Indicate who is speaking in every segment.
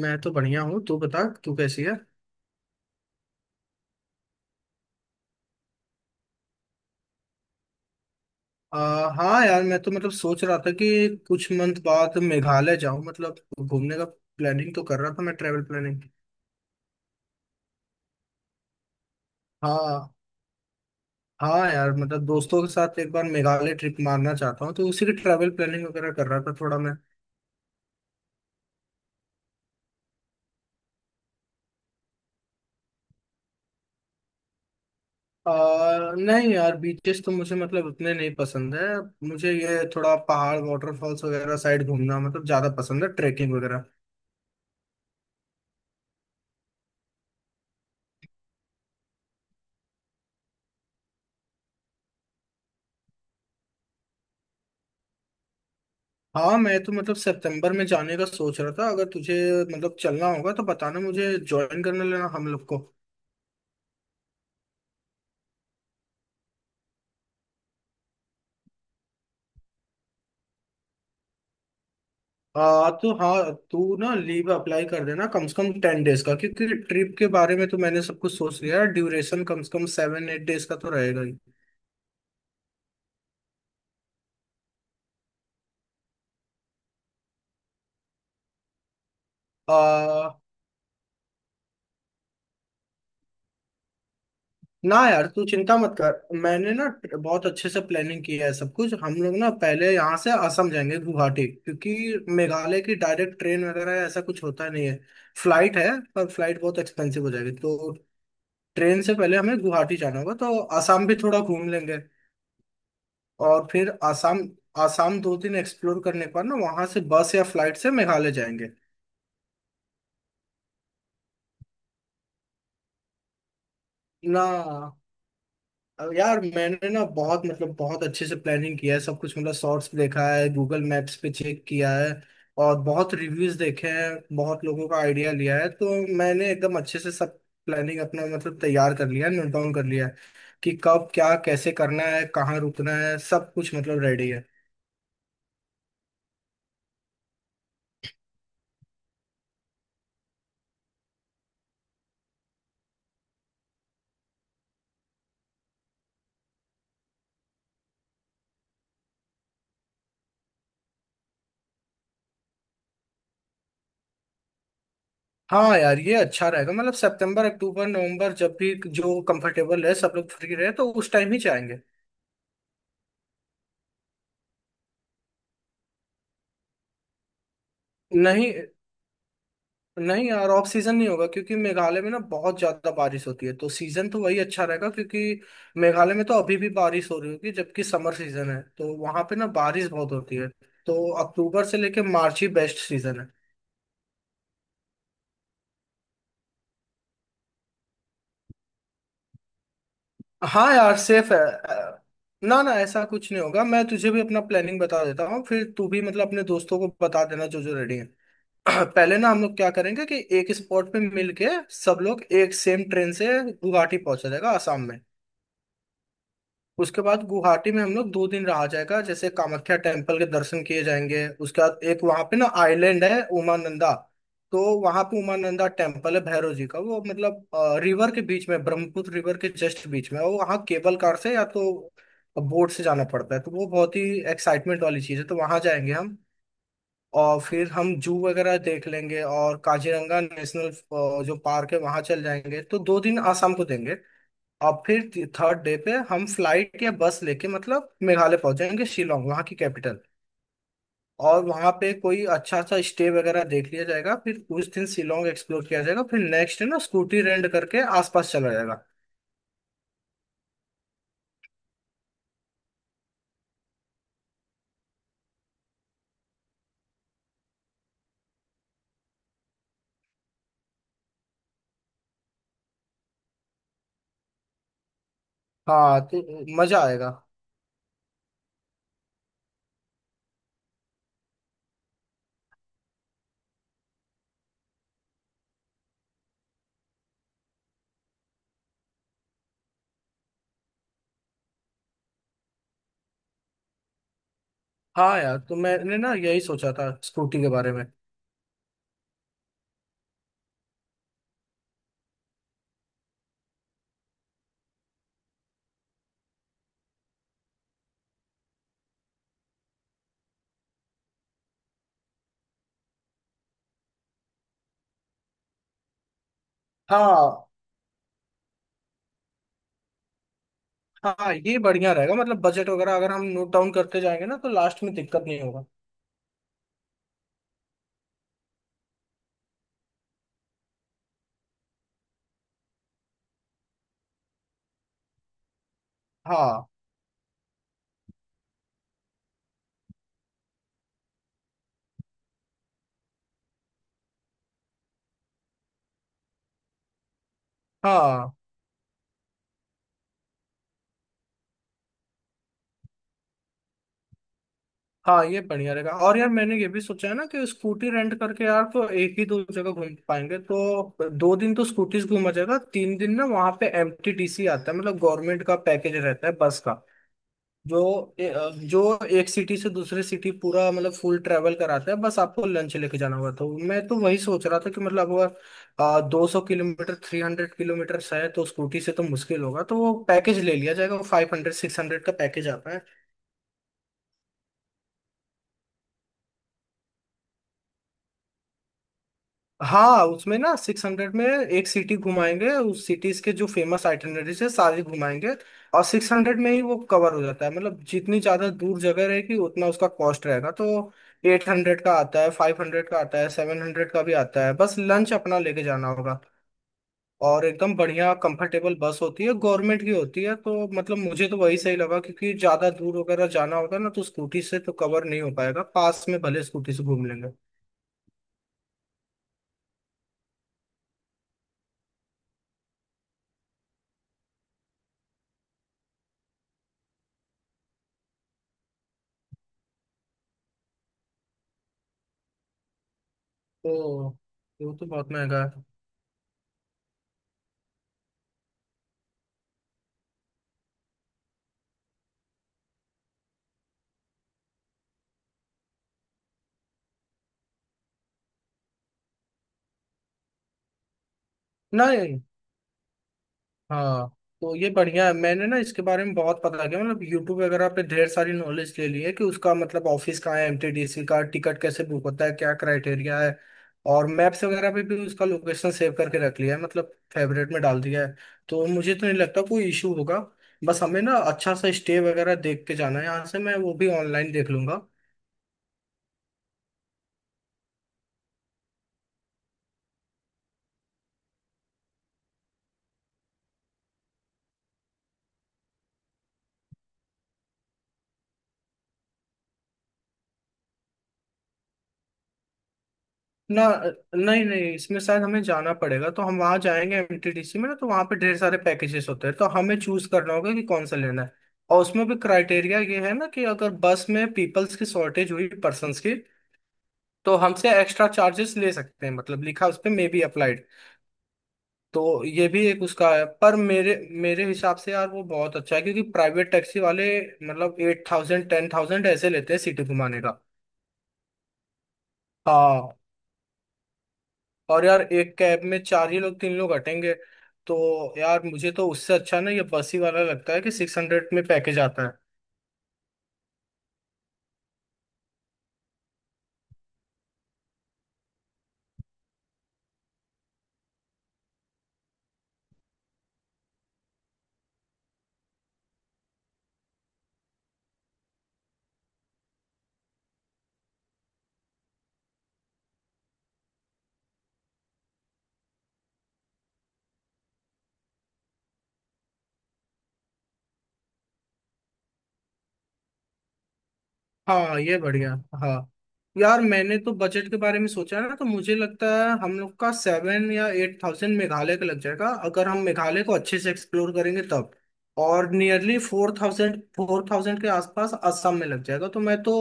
Speaker 1: मैं तो बढ़िया हूँ। तू बता, तू कैसी है? आ, हाँ यार, मैं तो मतलब सोच रहा था कि कुछ मंथ बाद मेघालय जाऊँ, मतलब घूमने का प्लानिंग तो कर रहा था मैं, ट्रेवल प्लानिंग। हाँ। हाँ यार, मतलब दोस्तों के साथ एक बार मेघालय ट्रिप मारना चाहता हूँ, तो उसी की ट्रैवल प्लानिंग वगैरह कर रहा था थोड़ा मैं। नहीं यार, बीचेस तो मुझे मतलब उतने नहीं पसंद है। मुझे ये थोड़ा पहाड़, वाटरफॉल्स वगैरह साइड घूमना मतलब ज्यादा पसंद है, ट्रेकिंग वगैरह। हाँ, मैं तो मतलब सितंबर में जाने का सोच रहा था। अगर तुझे मतलब चलना होगा तो बताना, मुझे ज्वाइन करने लेना हम लोग को। तो हाँ, तू ना लीव अप्लाई कर देना कम से कम 10 days का, क्योंकि ट्रिप के बारे में तो मैंने सब कुछ सोच लिया है। ड्यूरेशन कम से कम 7-8 days का तो रहेगा ही। आ, ना यार, तू चिंता मत कर, मैंने ना बहुत अच्छे से प्लानिंग की है सब कुछ। हम लोग ना पहले यहाँ से असम जाएंगे, गुवाहाटी, क्योंकि मेघालय की डायरेक्ट ट्रेन वगैरह ऐसा कुछ होता नहीं है। फ्लाइट है, पर फ्लाइट बहुत एक्सपेंसिव हो जाएगी, तो ट्रेन से पहले हमें गुवाहाटी जाना होगा। तो असम भी थोड़ा घूम लेंगे। और फिर असम असम 2 दिन एक्सप्लोर करने पर ना वहां से बस या फ्लाइट से मेघालय जाएंगे। ना, अब यार मैंने ना बहुत, मतलब बहुत अच्छे से प्लानिंग किया है सब कुछ। मतलब शॉर्ट्स देखा है, गूगल मैप्स पे चेक किया है, और बहुत रिव्यूज देखे हैं, बहुत लोगों का आइडिया लिया है। तो मैंने एकदम अच्छे से सब प्लानिंग अपना मतलब तैयार कर लिया है, नोट डाउन कर लिया है कि कब क्या कैसे करना है, कहाँ रुकना है, सब कुछ मतलब रेडी है। हाँ यार, ये अच्छा रहेगा। मतलब सितंबर, अक्टूबर, नवंबर, जब भी जो कंफर्टेबल है सब लोग, फ्री रहे, तो उस टाइम ही जाएंगे। नहीं। नहीं यार, ऑफ सीजन नहीं होगा, क्योंकि मेघालय में ना बहुत ज्यादा बारिश होती है, तो सीजन तो वही अच्छा रहेगा। क्योंकि मेघालय में तो अभी भी बारिश हो रही होगी, जबकि समर सीजन है, तो वहां पे ना बारिश बहुत होती है। तो अक्टूबर से लेके मार्च ही बेस्ट सीजन है। हाँ यार, सेफ है। ना ना, ऐसा कुछ नहीं होगा। मैं तुझे भी अपना प्लानिंग बता देता हूँ, फिर तू भी मतलब अपने दोस्तों को बता देना जो जो रेडी है। पहले ना हम लोग क्या करेंगे कि एक स्पॉट पे मिलके सब लोग एक सेम ट्रेन से गुवाहाटी पहुंचा जाएगा, आसाम में। उसके बाद गुवाहाटी में हम लोग 2 दिन रहा जाएगा। जैसे कामाख्या टेम्पल के दर्शन किए जाएंगे, उसके बाद एक वहां पे ना आइलैंड है, उमानंदा। तो वहां पे उमानंदा टेम्पल है, भैरव जी का। वो मतलब रिवर के बीच में, ब्रह्मपुत्र रिवर के जस्ट बीच में है। वो वहाँ केबल कार से या तो बोट से जाना पड़ता है। तो वो बहुत ही एक्साइटमेंट वाली चीज है, तो वहां जाएंगे हम। और फिर हम जू वगैरह देख लेंगे और काजीरंगा नेशनल जो पार्क है वहां चल जाएंगे। तो 2 दिन आसाम को देंगे। और फिर थर्ड डे पे हम फ्लाइट या बस लेके मतलब मेघालय पहुंच जाएंगे, शिलोंग, वहाँ की कैपिटल। और वहाँ पे कोई अच्छा सा स्टे वगैरह देख लिया जाएगा। फिर उस दिन शिलोंग एक्सप्लोर किया जाएगा। फिर नेक्स्ट डे ना स्कूटी रेंट करके आसपास चला जाएगा। हाँ, तो मजा आएगा। हाँ यार, तो मैंने ना यही सोचा था स्कूटी के बारे में। हाँ। हाँ, ये बढ़िया रहेगा। मतलब बजट वगैरह अगर हम नोट डाउन करते जाएंगे ना तो लास्ट में दिक्कत नहीं होगा। हाँ। हाँ। हाँ ये बढ़िया रहेगा। और यार मैंने ये भी सोचा है ना कि स्कूटी रेंट करके यार तो एक ही दो जगह घूम पाएंगे, तो दो दिन तो स्कूटीज घूमा जाएगा, 3 दिन ना वहाँ पे MTTC आता है, मतलब गवर्नमेंट का पैकेज रहता है बस का। जो जो एक सिटी से दूसरे सिटी पूरा मतलब फुल ट्रेवल कराता है। बस आपको लंच लेके जाना होगा। तो मैं तो वही सोच रहा था कि मतलब अगर 200 किलोमीटर, 300 किलोमीटर है, तो स्कूटी से तो मुश्किल होगा, तो वो पैकेज ले लिया जाएगा। 500, 600 का पैकेज आता है। हाँ, उसमें ना 600 में एक सिटी घुमाएंगे, उस सिटीज के जो फेमस आइटनरीज है सारी घुमाएंगे, और 600 में ही वो कवर हो जाता है। मतलब जितनी ज्यादा दूर जगह रहेगी उतना उसका कॉस्ट रहेगा। तो 800 का आता है, 500 का आता है, 700 का भी आता है। बस लंच अपना लेके जाना होगा। और एकदम बढ़िया कंफर्टेबल बस होती है, गवर्नमेंट की होती है, तो मतलब मुझे तो वही सही लगा। क्योंकि ज्यादा दूर वगैरह जाना होगा ना, तो स्कूटी से तो कवर नहीं हो पाएगा, पास में भले स्कूटी से घूम लेंगे। तो वो तो बहुत महंगा है। नहीं। हाँ, तो ये बढ़िया है। मैंने ना इसके बारे में बहुत पता किया, मतलब यूट्यूब वगैरह पे ढेर सारी नॉलेज ले ली है कि उसका मतलब ऑफिस कहाँ है, एमटीडीसी का टिकट कैसे बुक होता है, क्या क्राइटेरिया है। और मैप्स वगैरह पे भी उसका लोकेशन सेव करके रख लिया है, मतलब फेवरेट में डाल दिया है। तो मुझे तो नहीं लगता कोई इशू होगा। बस हमें ना अच्छा सा स्टे वगैरह देख के जाना है, यहाँ से मैं वो भी ऑनलाइन देख लूंगा। ना। नहीं नहीं, इसमें शायद हमें जाना पड़ेगा, तो हम वहां जाएंगे MTDC में। ना, तो वहां पे ढेर सारे पैकेजेस होते हैं, तो हमें चूज करना होगा कि कौन सा लेना है। और उसमें भी क्राइटेरिया ये है ना कि अगर बस में पीपल्स की शॉर्टेज हुई, पर्संस की, तो हमसे एक्स्ट्रा चार्जेस ले सकते हैं, मतलब लिखा उस पे मे बी अप्लाइड। तो ये भी एक उसका है। पर मेरे मेरे हिसाब से यार वो बहुत अच्छा है, क्योंकि प्राइवेट टैक्सी वाले मतलब 8000, 10000 ऐसे लेते हैं सिटी घुमाने का। हाँ, और यार एक कैब में चार ही लोग, तीन लोग हटेंगे। तो यार मुझे तो उससे अच्छा ना ये बस ही वाला लगता है कि 600 में पैकेज आता है। हाँ ये बढ़िया। हाँ यार, मैंने तो बजट के बारे में सोचा ना, तो मुझे लगता है हम लोग का 7 या 8 हज़ार मेघालय का लग जाएगा, अगर हम मेघालय को अच्छे से एक्सप्लोर करेंगे तब। और नियरली फोर थाउजेंड के आसपास असम में लग जाएगा। तो मैं तो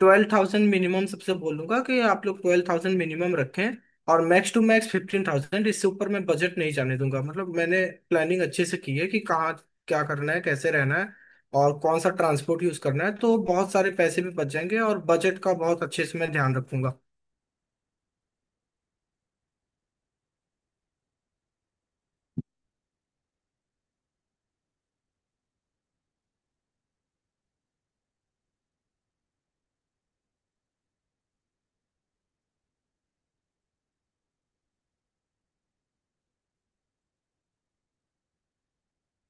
Speaker 1: 12000 मिनिमम सबसे बोलूंगा कि आप लोग 12000 मिनिमम रखें, और मैक्स टू मैक्स 15000। इससे ऊपर मैं बजट नहीं जाने दूंगा। मतलब मैंने प्लानिंग अच्छे से की है कि कहाँ क्या करना है, कैसे रहना है, और कौन सा ट्रांसपोर्ट यूज करना है, तो बहुत सारे पैसे भी बच जाएंगे और बजट का बहुत अच्छे से मैं ध्यान रखूंगा।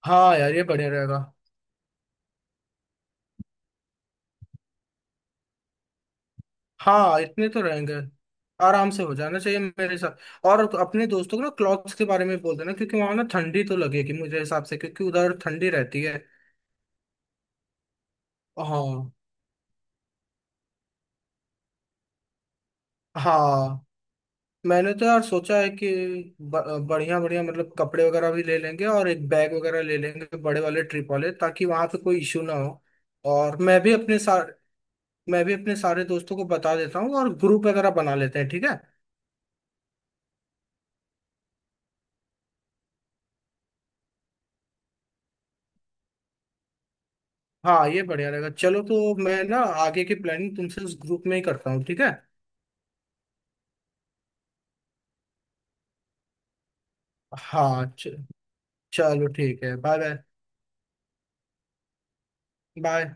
Speaker 1: हाँ यार, ये बढ़िया रहेगा। हाँ इतने तो रहेंगे, आराम से हो जाना चाहिए मेरे साथ। और अपने दोस्तों को ना क्लॉथ्स के बारे में बोल देना, क्योंकि वहां ना ठंडी तो लगेगी मुझे हिसाब से, क्योंकि उधर ठंडी रहती है। हाँ। हाँ, मैंने तो यार सोचा है कि बढ़िया बढ़िया मतलब कपड़े वगैरह भी ले लेंगे, और एक बैग वगैरह ले लेंगे बड़े वाले ट्रिप वाले, ताकि वहां पे कोई इशू ना हो। और मैं भी अपने सारे दोस्तों को बता देता हूँ, और ग्रुप वगैरह बना लेते हैं, ठीक है। हाँ ये बढ़िया रहेगा। चलो, तो मैं ना आगे की प्लानिंग तुमसे उस ग्रुप में ही करता हूँ, ठीक है। हाँ चलो ठीक है, बाय बाय। बाय।